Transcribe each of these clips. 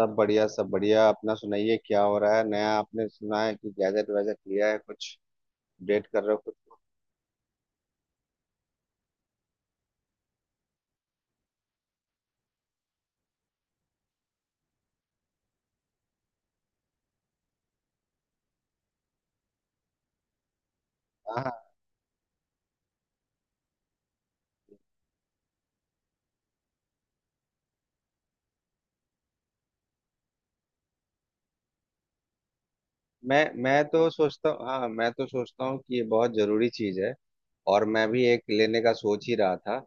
सब बढ़िया सब बढ़िया। अपना सुनाइए, क्या हो रहा है नया? आपने सुना है कि गैजेट वैजेट लिया है कुछ? डेट कर रहे हो कुछ? हाँ, मैं तो सोचता हूँ, हाँ मैं तो सोचता हूँ कि ये बहुत जरूरी चीज है। और मैं भी एक लेने का सोच ही रहा था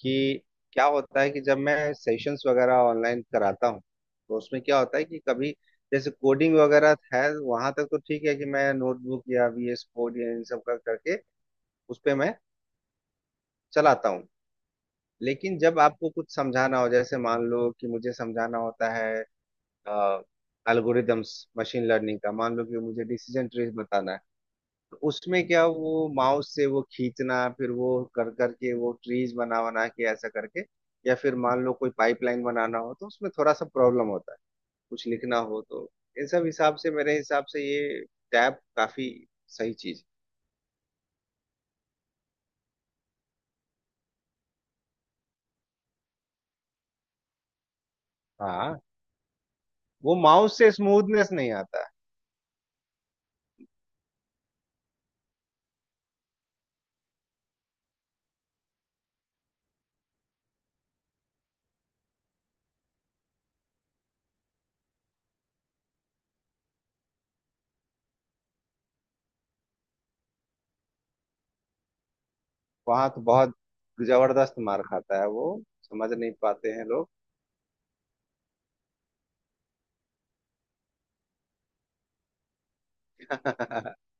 कि क्या होता है कि जब मैं सेशंस वगैरह ऑनलाइन कराता हूँ, तो उसमें क्या होता है कि कभी जैसे कोडिंग वगैरह है वहां तक तो ठीक है कि मैं नोटबुक या वीएस कोड या इन सब का करके उस पे मैं चलाता हूँ। लेकिन जब आपको कुछ समझाना हो, जैसे मान लो कि मुझे समझाना होता है एल्गोरिदम्स, मशीन लर्निंग का, मान लो कि मुझे डिसीजन ट्रीज बताना है, तो उसमें क्या वो माउस से वो खींचना, फिर वो कर करके वो ट्रीज बना बना के ऐसा करके या फिर मान लो कोई पाइपलाइन बनाना हो तो उसमें थोड़ा सा प्रॉब्लम होता है। कुछ लिखना हो तो इन सब हिसाब से, मेरे हिसाब से ये टैब काफी सही चीज है। हाँ, वो माउस से स्मूथनेस नहीं आता है। वहां तो बहुत जबरदस्त मार खाता है वो, समझ नहीं पाते हैं लोग।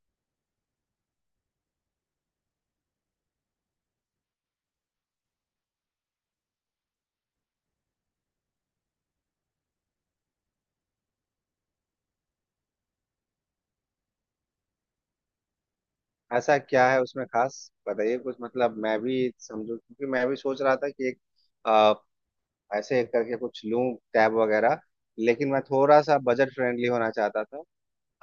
ऐसा क्या है उसमें खास? बताइए कुछ मतलब मैं भी समझू, क्योंकि मैं भी सोच रहा था कि एक आ, ऐसे करके कुछ लूं, टैब वगैरह। लेकिन मैं थोड़ा सा बजट फ्रेंडली होना चाहता था।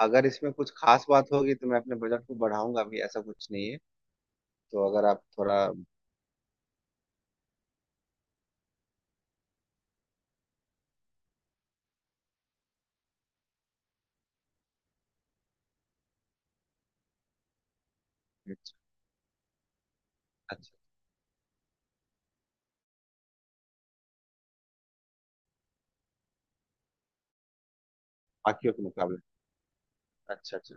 अगर इसमें कुछ खास बात होगी तो मैं अपने बजट को बढ़ाऊंगा भी, ऐसा कुछ नहीं है। तो अगर आप थोड़ा। अच्छा। बाकियों के मुकाबले। अच्छा अच्छा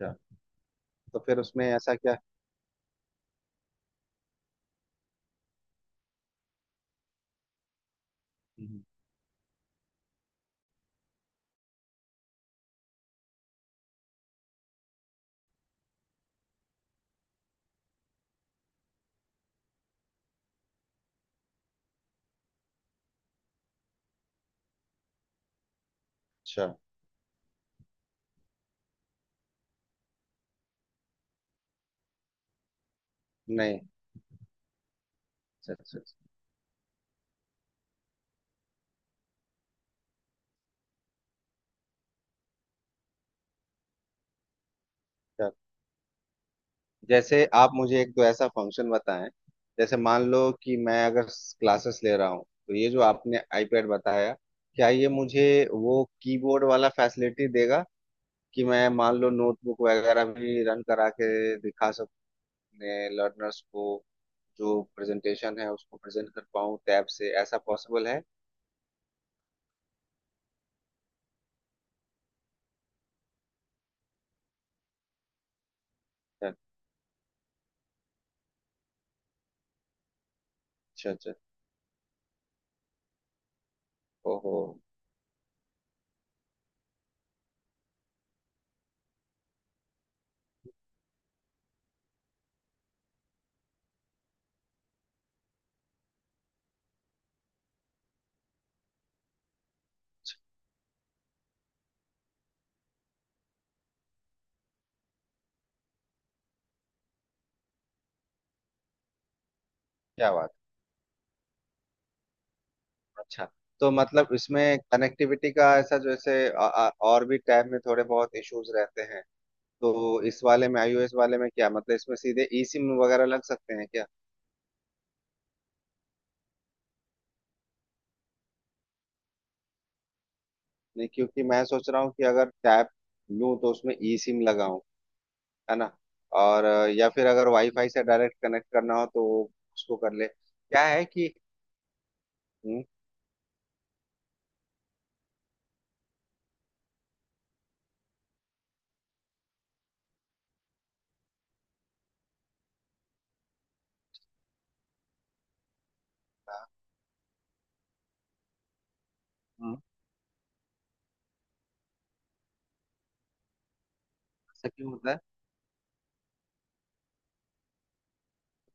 अच्छा। तो फिर उसमें ऐसा क्या? हम्म। अच्छा। नहीं। अच्छा अच्छा अच्छा। जैसे आप मुझे एक तो ऐसा फंक्शन बताएं, जैसे मान लो कि मैं अगर क्लासेस ले रहा हूँ, तो ये जो आपने आईपैड बताया, क्या ये मुझे वो कीबोर्ड वाला फैसिलिटी देगा कि मैं मान लो नोटबुक वगैरह भी रन करा के दिखा सकूँ अपने लर्नर्स को, जो प्रेजेंटेशन है उसको प्रेजेंट कर पाऊँ टैब से? ऐसा पॉसिबल है? अच्छा अच्छा। ओहो, क्या बात है। अच्छा, तो मतलब इसमें कनेक्टिविटी का ऐसा, जैसे और भी टैब में थोड़े बहुत इश्यूज रहते हैं, तो इस वाले में, आईओएस वाले में क्या, मतलब इसमें सीधे ई सिम वगैरह लग सकते हैं क्या? नहीं, क्योंकि मैं सोच रहा हूँ कि अगर टैब लूँ तो उसमें ई सिम लगाऊं, है ना? और या फिर अगर वाईफाई से डायरेक्ट कनेक्ट करना हो तो उसको कर ले, क्या है कि। हम्म। हाँ। हम्म। ऐसा क्यों होता है?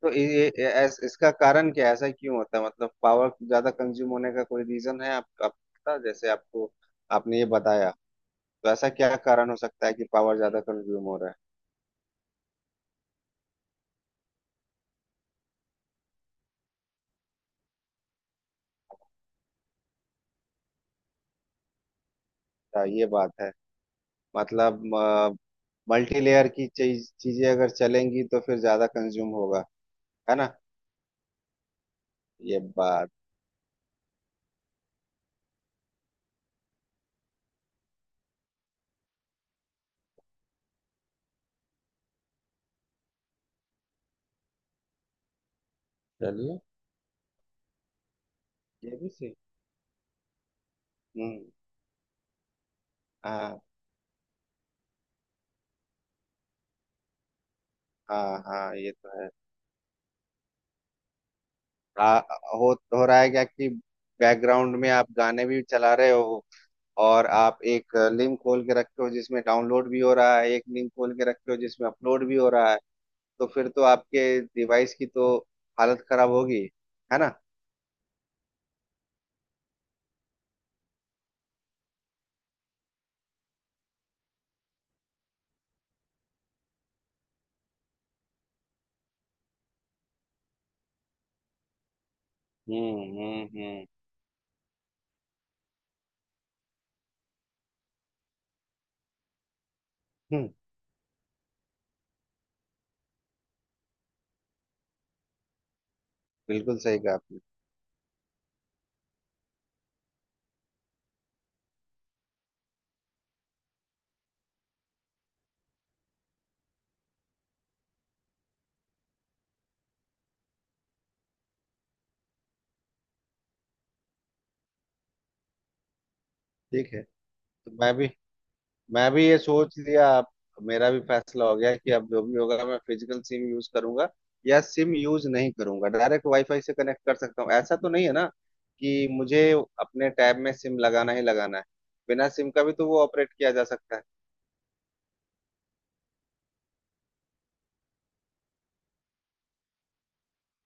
तो इसका कारण क्या है, ऐसा क्यों होता है, मतलब पावर ज्यादा कंज्यूम होने का कोई रीजन है? आपका जैसे आपको, आपने ये बताया, तो ऐसा क्या कारण हो सकता है कि पावर ज्यादा कंज्यूम हो रहा है? हाँ, ये बात है। मतलब मल्टी लेयर की चीजें अगर चलेंगी तो फिर ज्यादा कंज्यूम होगा, है ना? ये बात। चलिए। ये भी सही। हम्म। हाँ हाँ, हाँ ये तो है। आ, हो रहा है क्या कि बैकग्राउंड में आप गाने भी चला रहे हो, और आप एक लिंक खोल के रखे हो जिसमें डाउनलोड भी हो रहा है, एक लिंक खोल के रखे हो जिसमें अपलोड भी हो रहा है, तो फिर तो आपके डिवाइस की तो हालत खराब होगी, है ना? हम्म। हम्म। बिल्कुल सही कहा आपने। ठीक है, तो मैं भी, मैं भी ये सोच लिया अब। मेरा भी फैसला हो गया कि अब जो भी होगा मैं फिजिकल सिम यूज करूंगा, या सिम यूज नहीं करूंगा, डायरेक्ट वाईफाई से कनेक्ट कर सकता हूँ। ऐसा तो नहीं है ना कि मुझे अपने टैब में सिम लगाना ही लगाना है? बिना सिम का भी तो वो ऑपरेट किया जा सकता है।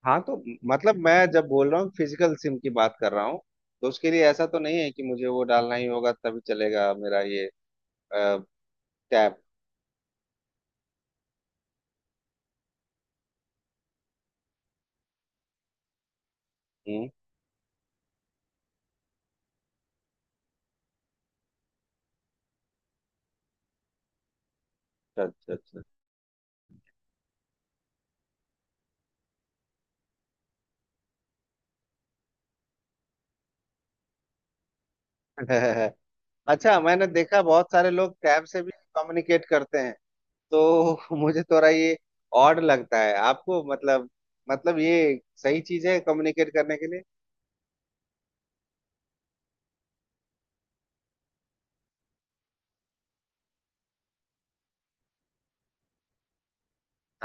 हाँ, तो मतलब मैं जब बोल रहा हूँ फिजिकल सिम की बात कर रहा हूँ, तो उसके लिए ऐसा तो नहीं है कि मुझे वो डालना ही होगा तभी चलेगा मेरा ये टैब? हम्म। अच्छा अच्छा। अच्छा। अच्छा, मैंने देखा बहुत सारे लोग टैब से भी कम्युनिकेट करते हैं, तो मुझे थोड़ा ये ऑड लगता है। आपको मतलब, मतलब ये सही चीज है कम्युनिकेट करने के लिए?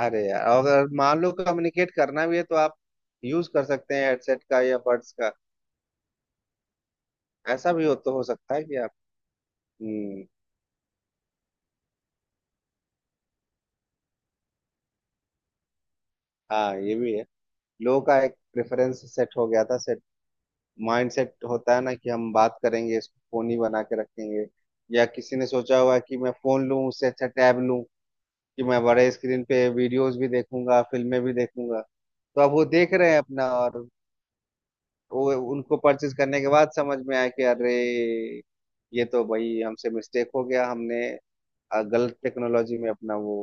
अरे यार, अगर मान लो कम्युनिकेट करना भी है तो आप यूज कर सकते हैं हेडसेट का या बड्स का। ऐसा भी हो तो हो सकता है कि आप। हम्म। हाँ, ये भी है। लोगों का एक प्रेफरेंस सेट हो गया था, सेट माइंड सेट होता है ना कि हम बात करेंगे, इसको फोन ही बना के रखेंगे। या किसी ने सोचा हुआ है कि मैं फोन लूं, उससे अच्छा टैब लूं कि मैं बड़े स्क्रीन पे वीडियोस भी देखूंगा, फिल्में भी देखूंगा। तो अब वो देख रहे हैं अपना, और वो उनको परचेज करने के बाद समझ में आया कि अरे, ये तो भाई हमसे मिस्टेक हो गया, हमने गलत टेक्नोलॉजी में अपना वो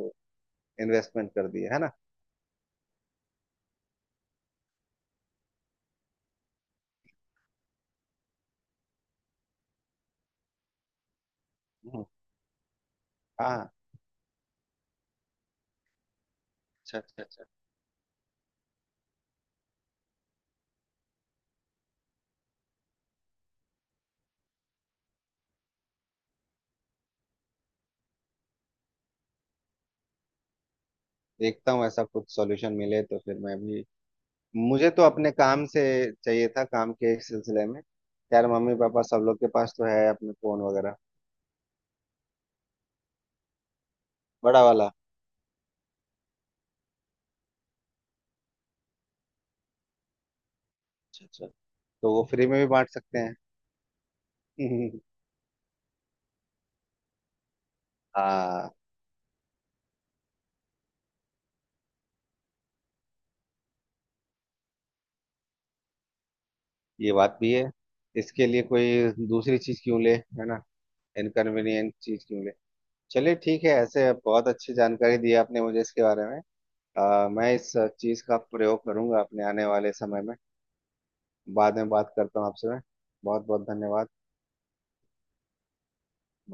इन्वेस्टमेंट कर दिया है, ना। हम्म। हाँ। अच्छा अच्छा अच्छा। देखता हूँ ऐसा कुछ सॉल्यूशन मिले तो फिर मैं भी। मुझे तो अपने काम से चाहिए था, काम के इस सिलसिले में। यार मम्मी पापा सब लोग के पास तो है अपने फोन वगैरह। बड़ा वाला। अच्छा अच्छा। तो वो फ्री में भी बांट सकते हैं। हम्म। हाँ, ये बात भी है। इसके लिए कोई दूसरी चीज क्यों ले, है ना? इनकन्वीनियंट चीज क्यों ले। चलिए ठीक है, ऐसे बहुत अच्छी जानकारी दी आपने मुझे इसके बारे में। मैं इस चीज का प्रयोग करूंगा अपने आने वाले समय में। बाद में बात करता हूँ आपसे मैं। बहुत बहुत धन्यवाद।